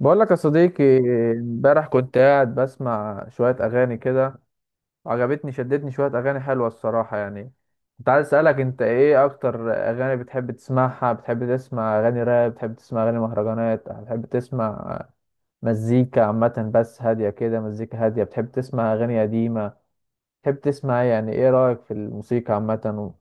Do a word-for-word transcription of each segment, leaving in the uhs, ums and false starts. بقول لك يا صديقي، امبارح كنت قاعد بسمع شوية أغاني كده. عجبتني، شدتني شوية أغاني حلوة الصراحة. يعني كنت عايز أسألك أنت إيه أكتر أغاني بتحب تسمعها؟ بتحب تسمع أغاني راب؟ بتحب تسمع أغاني مهرجانات؟ بتحب تسمع مزيكا عامة بس هادية كده، مزيكا هادية؟ بتحب تسمع أغاني قديمة؟ بتحب تسمع إيه؟ يعني إيه رأيك في الموسيقى عامة و.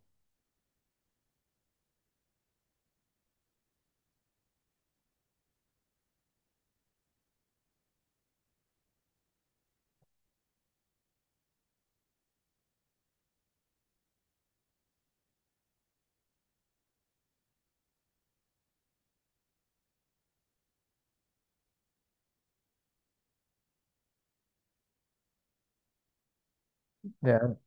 يعني.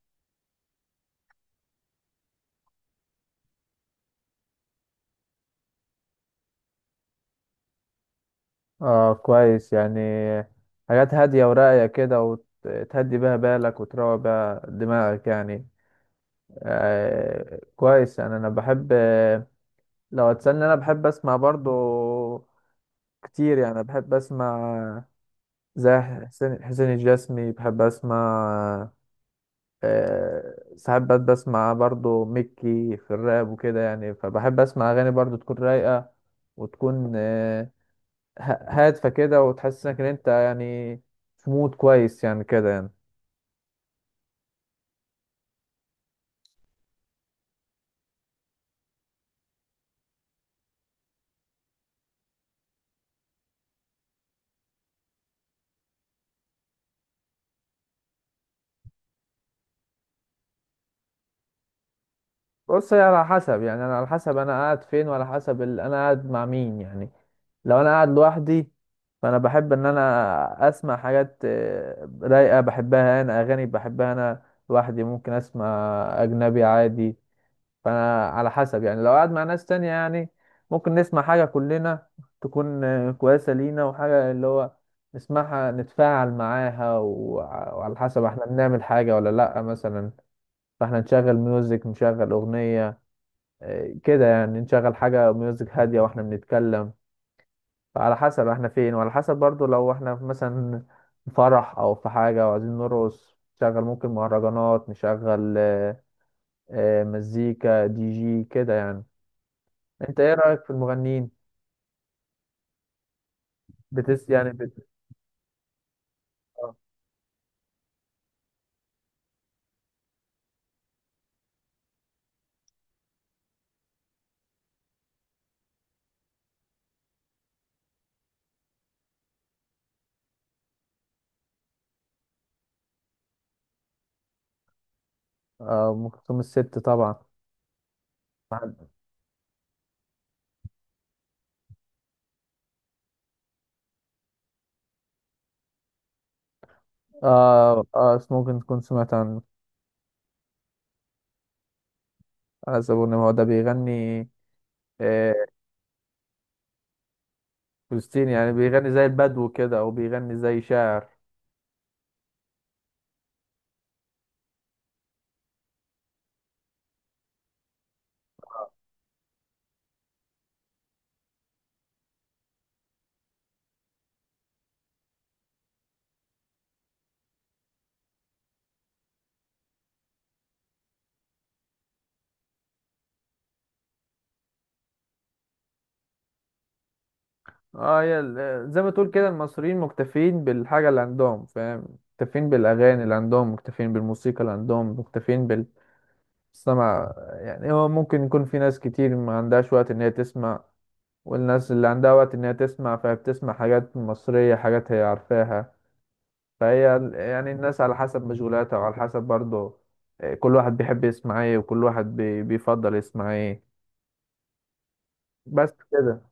آه، كويس يعني. حاجات هادية وراقية كده، وتهدي بيها بالك وتروق بيها دماغك يعني. آه، كويس يعني. انا بحب، آه، لو هتسألني انا بحب اسمع برضو كتير يعني، بحب اسمع زي حسين حسين الجسمي، بحب اسمع. آه ساعات بس بسمع برضو مكي في الراب وكده يعني، فبحب اسمع اغاني برضو تكون رايقة، وتكون آه ه- هادفة كده، وتحسسك ان انت يعني في مود كويس يعني كده يعني. بص، هي على حسب يعني، انا على حسب انا قاعد فين، وعلى حسب ال... انا قاعد مع مين يعني. لو انا قاعد لوحدي فانا بحب ان انا اسمع حاجات آه، رايقه، بحبها انا، اغاني بحبها انا، لوحدي ممكن اسمع اجنبي عادي. فانا على حسب يعني، لو قاعد مع ناس تانية يعني ممكن نسمع حاجه كلنا تكون آه، كويسه لينا، وحاجه اللي هو نسمعها نتفاعل معاها، وع- وعلى حسب احنا بنعمل حاجه ولا لا مثلا، فاحنا نشغل ميوزك، نشغل اغنيه آه، كده يعني، نشغل حاجة ميوزك هادية واحنا بنتكلم. على حسب احنا فين، وعلى حسب برضو لو احنا في مثلا فرح او في حاجة وعايزين نرقص نشغل، ممكن مهرجانات نشغل آه، آه، مزيكا دي جي كده يعني. انت ايه رأيك في المغنيين؟ بتس يعني بت... اه. آه، ام كلثوم الست طبعا. اه اه، ممكن تكون سمعت عن، حسب ان هو ده بيغني. آه، فلسطيني يعني، بيغني زي البدو كده او بيغني زي شاعر. اه، يا ال- زي ما تقول كده، المصريين مكتفين بالحاجة اللي عندهم، فاهم؟ مكتفين بالأغاني اللي عندهم، مكتفين بالموسيقى اللي عندهم، مكتفين بالسمع. يعني هو ممكن يكون في ناس كتير ما عندهاش وقت إن هي تسمع، والناس اللي عندها وقت إن هي تسمع فهي بتسمع حاجات مصرية، حاجات هي عارفاها. فهي ال- يعني الناس على حسب مشغولاتها، وعلى حسب برضه آه، كل واحد بيحب يسمع ايه، وكل واحد بي- بيفضل يسمع ايه. بس كده.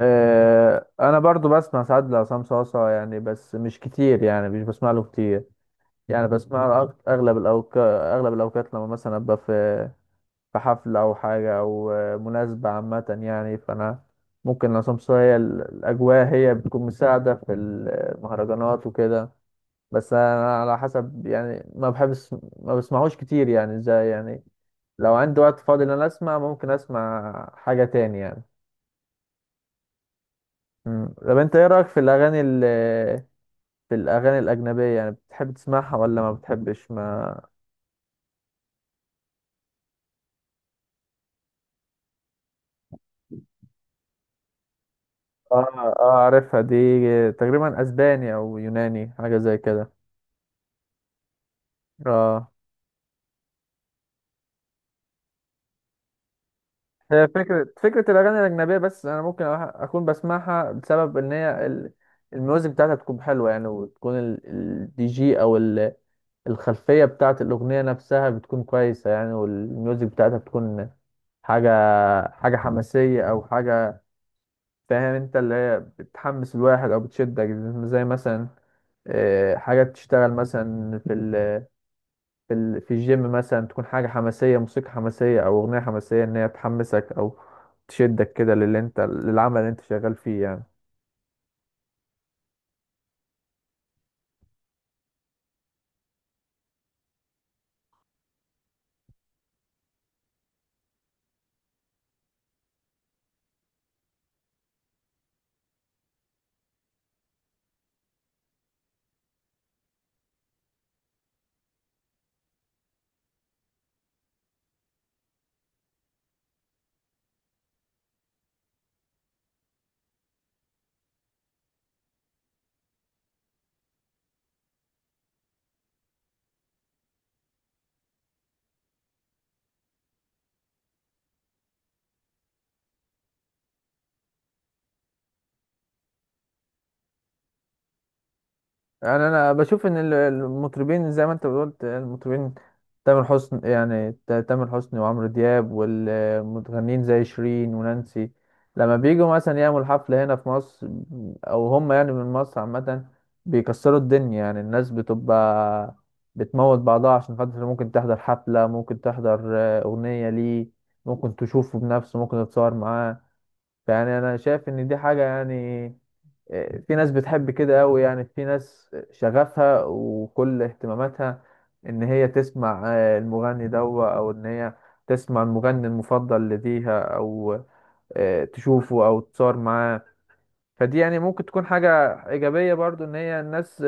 آه، انا برضو بسمع ساعات لعصام صاصا يعني، بس مش كتير يعني، مش بسمع له كتير يعني. بسمع له أغ- اغلب الاوقات، اغلب الاوقات لما مثلا ابقى في في حفله او حاجه او آه، مناسبه عامه يعني. فانا ممكن عصام صاصا، هي ال- الاجواء هي بتكون مساعده في ال- المهرجانات وكده. بس انا على حسب يعني، ما بحبش، ما بسمعوش كتير يعني، زي يعني لو عندي وقت فاضي ان انا اسمع، ممكن اسمع حاجه تاني يعني. مم. طب انت ايه رايك في الاغاني، في الأغاني الأجنبية؟ يعني بتحب تسمعها ولا ما بتحبش ما؟ اه اه، عارفها دي، تقريبا أسباني أو يوناني، حاجة زي كده. اه، هي فكرة فكرة الأغاني الأجنبية، بس أنا ممكن أح- أكون بسمعها بسبب إن هي ال- الميوزك بتاعتها تكون حلوة يعني، وتكون ال- الدي جي أو ال- الخلفية بتاعت الأغنية نفسها بتكون كويسة يعني، والميوزك بتاعتها بتكون حاجة، حاجة حماسية أو حاجة، فاهم أنت؟ اللي هي بتحمس الواحد أو بتشدك، زي مثلا آه، حاجة تشتغل مثلا في ال في ال في الجيم مثلا، تكون حاجة حماسية، موسيقى حماسية أو أغنية حماسية، إن هي تحمسك أو تشدك كده للي أنت، للعمل اللي أنت شغال فيه يعني. يعني انا بشوف ان ال- المطربين، زي ما انت قلت، المطربين تامر حسني يعني، ت- تامر حسني وعمرو دياب، والمغنيين زي شيرين ونانسي، لما بيجوا مثلا يعملوا حفلة هنا في مصر، او هم يعني من مصر عامة، بيكسروا الدنيا. يعني الناس بتبقى بتموت بعضها عشان خاطر ممكن تحضر حفلة، ممكن تحضر آه، أغنية ليه، ممكن تشوفه بنفسه، ممكن تتصور معاه. يعني انا شايف ان دي حاجة يعني، آه، في ناس بتحب كده قوي يعني، في ناس شغفها وكل اهتماماتها ان هي تسمع آه، المغني ده، او ان هي تسمع المغني المفضل لديها، او آه، تشوفه او تصور معاه. فدي يعني ممكن تكون حاجة ايجابية برضو، ان هي الناس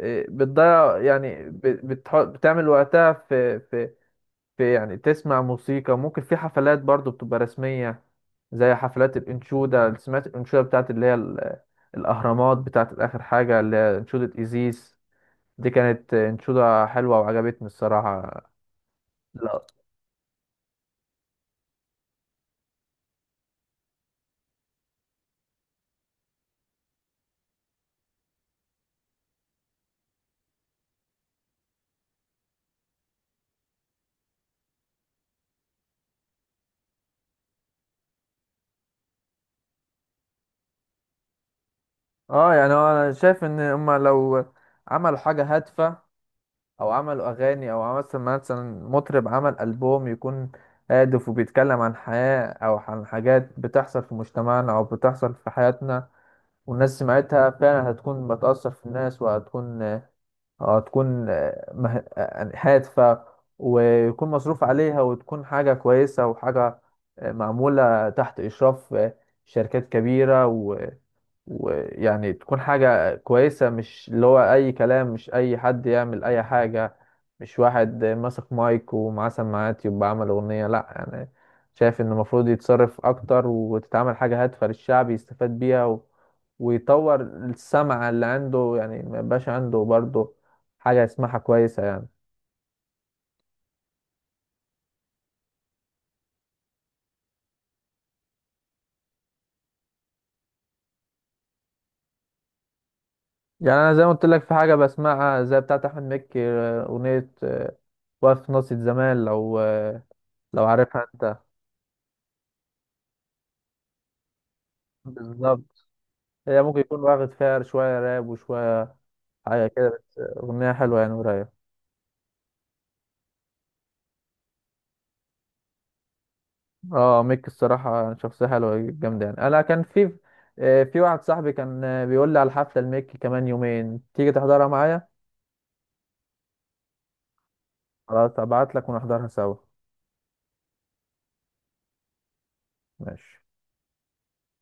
آه، بتضيع يعني، بتح- بتعمل وقتها في في في يعني تسمع موسيقى، ممكن في حفلات برضو بتبقى رسمية، زي حفلات الانشودة. سمعت الانشودة بتاعت اللي هي ال- الأهرامات بتاعت آخر حاجة، اللي هي انشودة إيزيس؟ دي كانت انشودة حلوة وعجبتني الصراحة. لا. اه يعني هو انا شايف ان هما لو عملوا حاجة هادفة، او عملوا اغاني، او مثلا مثلا مطرب عمل ألبوم يكون هادف وبيتكلم عن حياة او عن حاجات بتحصل في مجتمعنا او بتحصل في حياتنا والناس سمعتها فعلا، هتكون بتأثر في الناس، وهتكون هتكون آه، مه- آه، هادفة، ويكون مصروف عليها، وتكون حاجة كويسة وحاجة آه، معمولة تحت إشراف آه، شركات كبيرة، ويعني تكون حاجة كويسة، مش اللي هو أي كلام، مش أي حد يعمل أي حاجة، مش واحد ماسك مايك ومعاه سماعات يبقى عمل أغنية، لأ. يعني شايف إن المفروض يتصرف أكتر وتتعمل حاجة هادفة للشعب يستفاد بيها و، ويطور السمع اللي عنده يعني، ما يبقاش عنده برضه حاجة يسمعها كويسة يعني. يعني أنا زي ما قلت لك، في حاجة بسمعها زي بتاعة أحمد مكي، آه، أغنية آه، واقف في ناصية زمان، لو آه، لو عارفها أنت. بالظبط. هي ممكن يكون واخد فيها شوية راب وشوية حاجة كده، بس أغنية حلوة يعني ورايقة. اه، ميك الصراحة شخصية حلوة جامدة يعني. أنا كان في آه، في واحد صاحبي كان آه، بيقول لي على الحفلة الميك كمان يومين، تيجي تحضرها معايا؟ خلاص، أبعت لك ونحضرها سوا. ماشي.